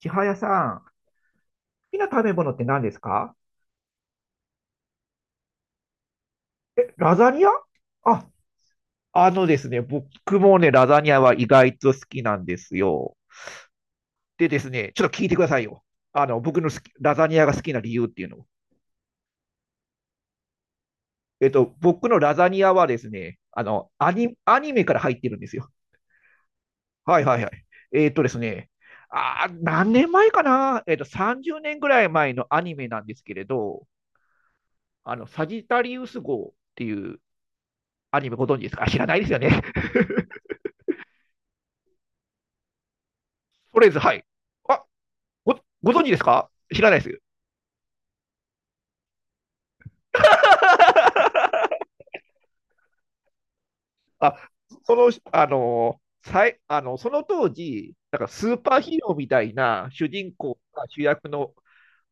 千早さん、好きな食べ物って何ですか？ラザニア。あ、あのですね、僕もね、ラザニアは意外と好きなんですよ。でですね、ちょっと聞いてくださいよ。僕のラザニアが好きな理由っていうのを。僕のラザニアはですね、アニメから入ってるんですよ。はいはいはい。えっとですね、何年前かな。30年ぐらい前のアニメなんですけれど、サジタリウス号っていうアニメ、ご存知ですか？あ、知らないですよね。とりあえず、はい。あ、ご存知ですか？知らないです。あ、あのさい、その当時、なんかスーパーヒーローみたいな主人公が主役の、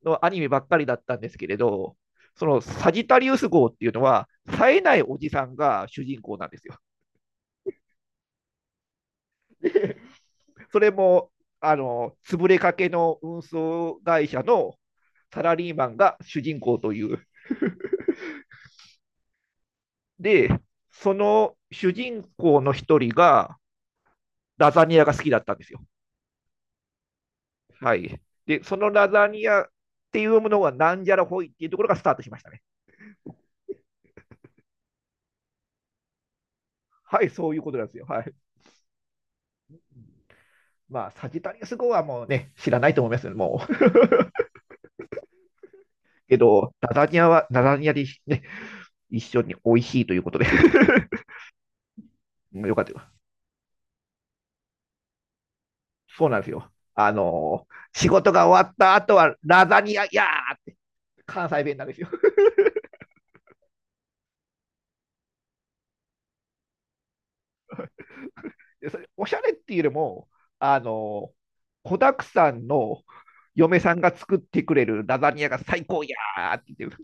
アニメばっかりだったんですけれど、そのサジタリウス号っていうのは、冴えないおじさんが主人公なんですよ。それも、潰れかけの運送会社のサラリーマンが主人公という。で、その主人公の一人が、ラザニアが好きだったんですよ。はい。で、そのラザニアっていうものがなんじゃらほいっていうところがスタートしましたね。はい、そういうことなんですよ。はい。まあ、サジタリアス号はもうね、知らないと思いますよね、もう。けど、ラザニアは、ラザニアでね、一緒に美味しいということで。よかったよ。そうなんですよ。仕事が終わった後はラザニアやーって、関西弁なんですよ。でそれおしゃれっていうよりも、あの、子だくさんの嫁さんが作ってくれるラザニアが最高やーって言ってる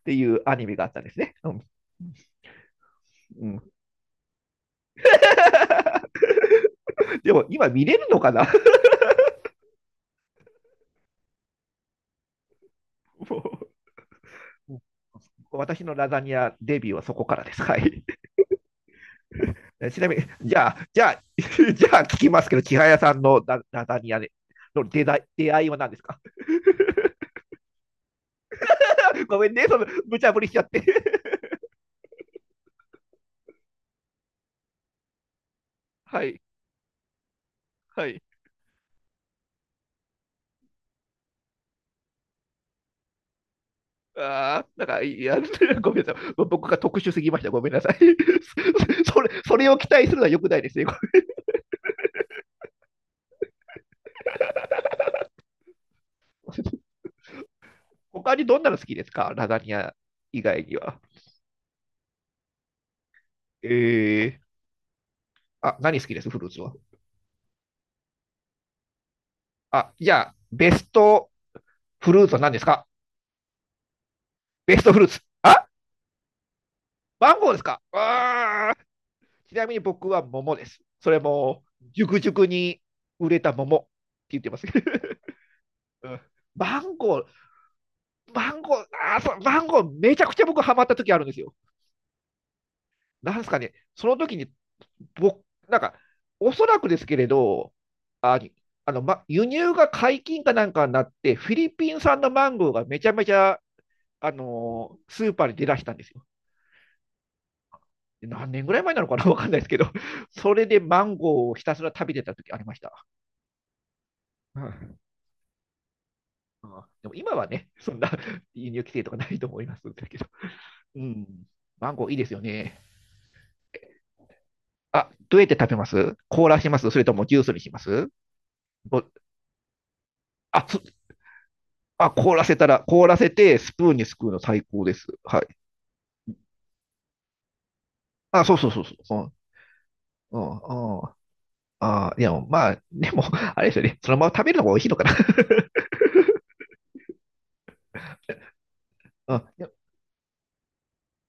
っていうアニメがあったんですね。うんうん。 でも今見れるのかな。 もう私のラザニアデビューはそこからです。はい。ちなみに、じゃあ、じゃあ、じゃあ聞きますけど、千早さんのララザニアでの出会いは何ですか？ ごめんね、その無茶ぶりしちゃって。はい、はい。ああ、なんか、いや、ごめんなさい。僕が特殊すぎました。ごめんなさい。それを期待するのは良くないですね。他にどんなの好きですか？ラザニア以外には。えー、あ、何好きです？フルーツは。あ、じゃあ、ベストフルーツは何ですか？ベストフルーツ。あ、マンゴーですか？あー、ちなみに僕は桃です。それも、熟々に売れた桃って言ってます。うん。マンゴー、マンゴー、あー、そうマンゴー、めちゃくちゃ僕ハマった時あるんですよ。なんですかね、その時に、僕、なんか、おそらくですけれど、あ、ま、輸入が解禁かなんかになって、フィリピン産のマンゴーがめちゃめちゃ、スーパーに出だしたんですよ。で何年ぐらい前なのかな、わかんないですけど、それでマンゴーをひたすら食べてた時ありました。うんうん。でも今はね、そんな輸入規制とかないと思いますけど、うん、マンゴーいいですよね。あ、どうやって食べます？凍らします？それともジュースにします？お、あ、そ、あ、凍らせたら、凍らせてスプーンにすくうの最高です。はい。あ、そうそうそうそう。うん、うん、うん。あー、いや、まあ、でも、あれですよね。そのまま食べるのが美味しいのかな。うん、いや、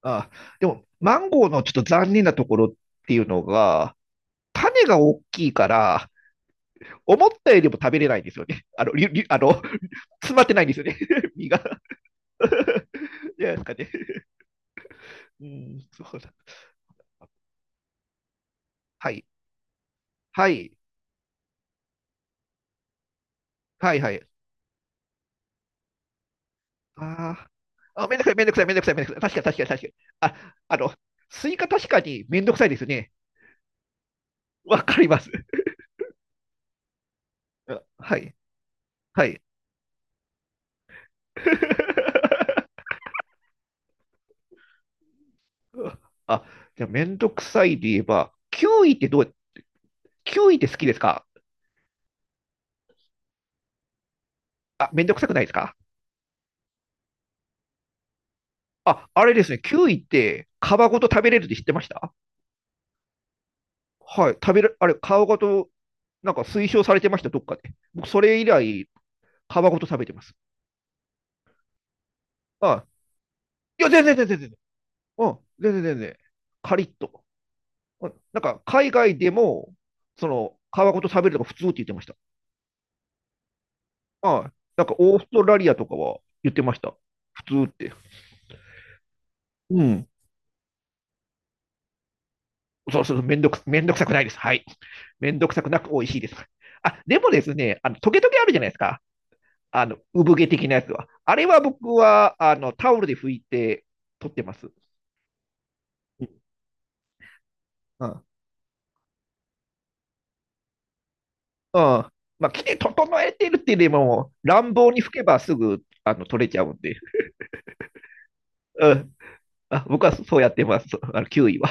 あー、でも、マンゴーのちょっと残念なところっていうのが、種が大きいから、思ったよりも食べれないんですよね。りゅりゅあの詰まってないんですよね。身が。じゃないですかね。うん、そうだ。はい。はい。はいはい。あーあ、めんどくさい、めんどくさい、めんどくさい、めんどくさい。確かに、確かに、確かに。あ、スイカ確かにめんどくさいですよね。わかります。あ、はい、はい。あ、じゃあ、めんどくさいで言えば、キウイって好きですか？あ、めんどくさくないですか？あ、あれですね、キウイって皮ごと食べれるって知ってました？はい、食べる、あれ、皮ごと、なんか推奨されてました、どっかで。僕、それ以来、皮ごと食べてます。あ、いや、全然、全然、全然、うん、全然全然、カリッと。うん、なんか、海外でも、その、皮ごと食べるのが普通って言ってました。はい。なんか、オーストラリアとかは言ってました。普通って。うん。そうそうそう、めんどくさくないです。はい。めんどくさくなく美味しいです。あ、でもですね、トゲトゲあるじゃないですか。産毛的なやつは。あれは僕は、タオルで拭いて取ってます。うん。うん。まあ、着て整えてるっていうよりも、乱暴に拭けばすぐ、取れちゃうんで。うん。あ、僕はそうやってます。9位は。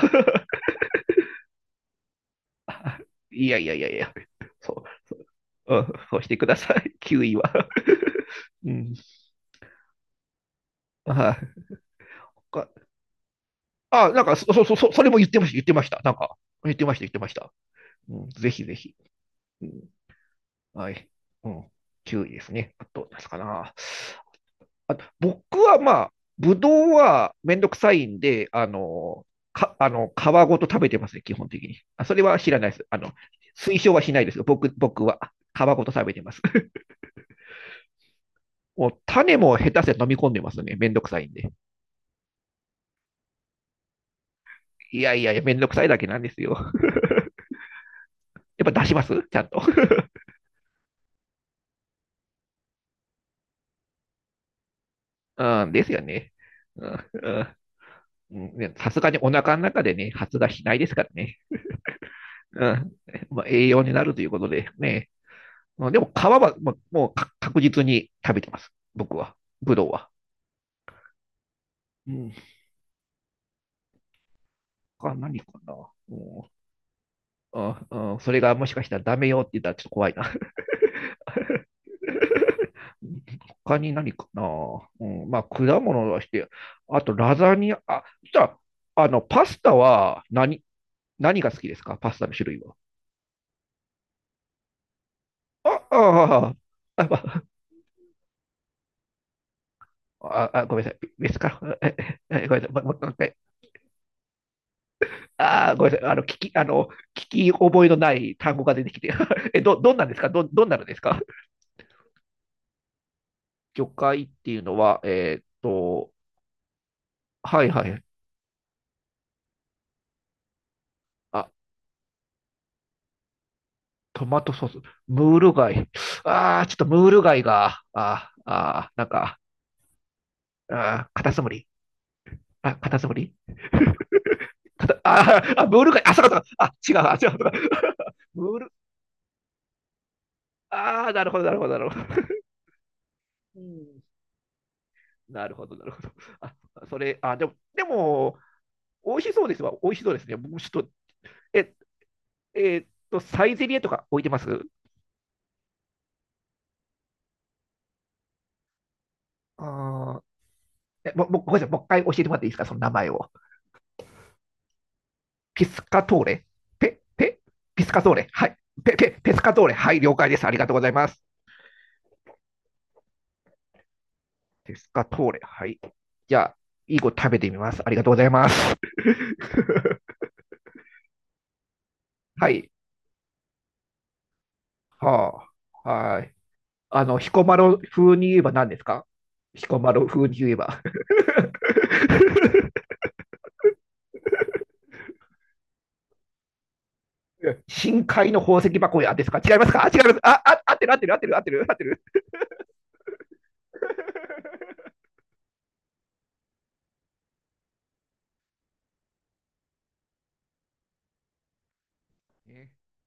いやいやいやいや。そう。うん、そうしてください。9位は。うん。はい。あ、なんか、そう、それも言ってました、言ってました。なんか、言ってました、言ってました。うん、ぜひぜひ。うん、はい。うん。9位ですね。あと、ですかな。あと、僕はまあ、ぶどうはめんどくさいんで、か、あの、皮ごと食べてますね、基本的に。あ、それは知らないです。推奨はしないですよ。僕は皮ごと食べてます。もう種も下手して飲み込んでますね。めんどくさいんで。いやいやいや、めんどくさいだけなんですよ。やっぱ出しますちゃんと。うん、ですよね。うんうん。ね、さすがにお腹の中でね、発芽しないですからね。うん、まあ、栄養になるということでね。でも皮は、まあもう確実に食べてます。僕は。ブドウは。うん。他何かな。うん。ああ、それがもしかしたらダメよって言ったらちょっと怖いな。他に何かな、うん、まあ、果物だして、あとラザニア、あ、じゃあ、パスタは何、何が好きですか？パスタの種類は。あ、あ、あ、あ、あ、あ、ごめんなさい。別か。ええ、ごめんなさい。もう一回。あ、ごめんなさい。聞き覚えのない単語が出てきて。え、どんなんですか？どんなのですか？魚介っていうのは、はいはい。あ、トマトソース、ムール貝。ああ、ちょっとムール貝が、あーあー、なんか、あー、カタツムリ。あ、カタツムリ。 カタあーあ、ムール貝。あ、そうかそうか。あ、違う、あ、違う。ムール、ああ、なるほど、なるほど、なるほど。うん、なるほど、なるほど。あ、それ、あ、でも、でも、美味しそうですわ。美味しそうですね。もうちょっと、え、サイゼリエとか置いてます？あー、え、も、ごめんなさい。もう一回教えてもらっていいですか、その名前を。ピスカトーレ。ペ、ペ、ピスカトーレ。はい。ペスカトーレ。はい、了解です。ありがとうございます。ペスカトーレ。はい。じゃあ、いい子食べてみます。ありがとうございます。はい。はあ。はい。彦摩呂風に言えば何ですか？彦摩呂風に言えば。深海の宝石箱やですか？違いますか？あ、違います。あ、あ、合ってる合ってる合ってる合ってる合ってる。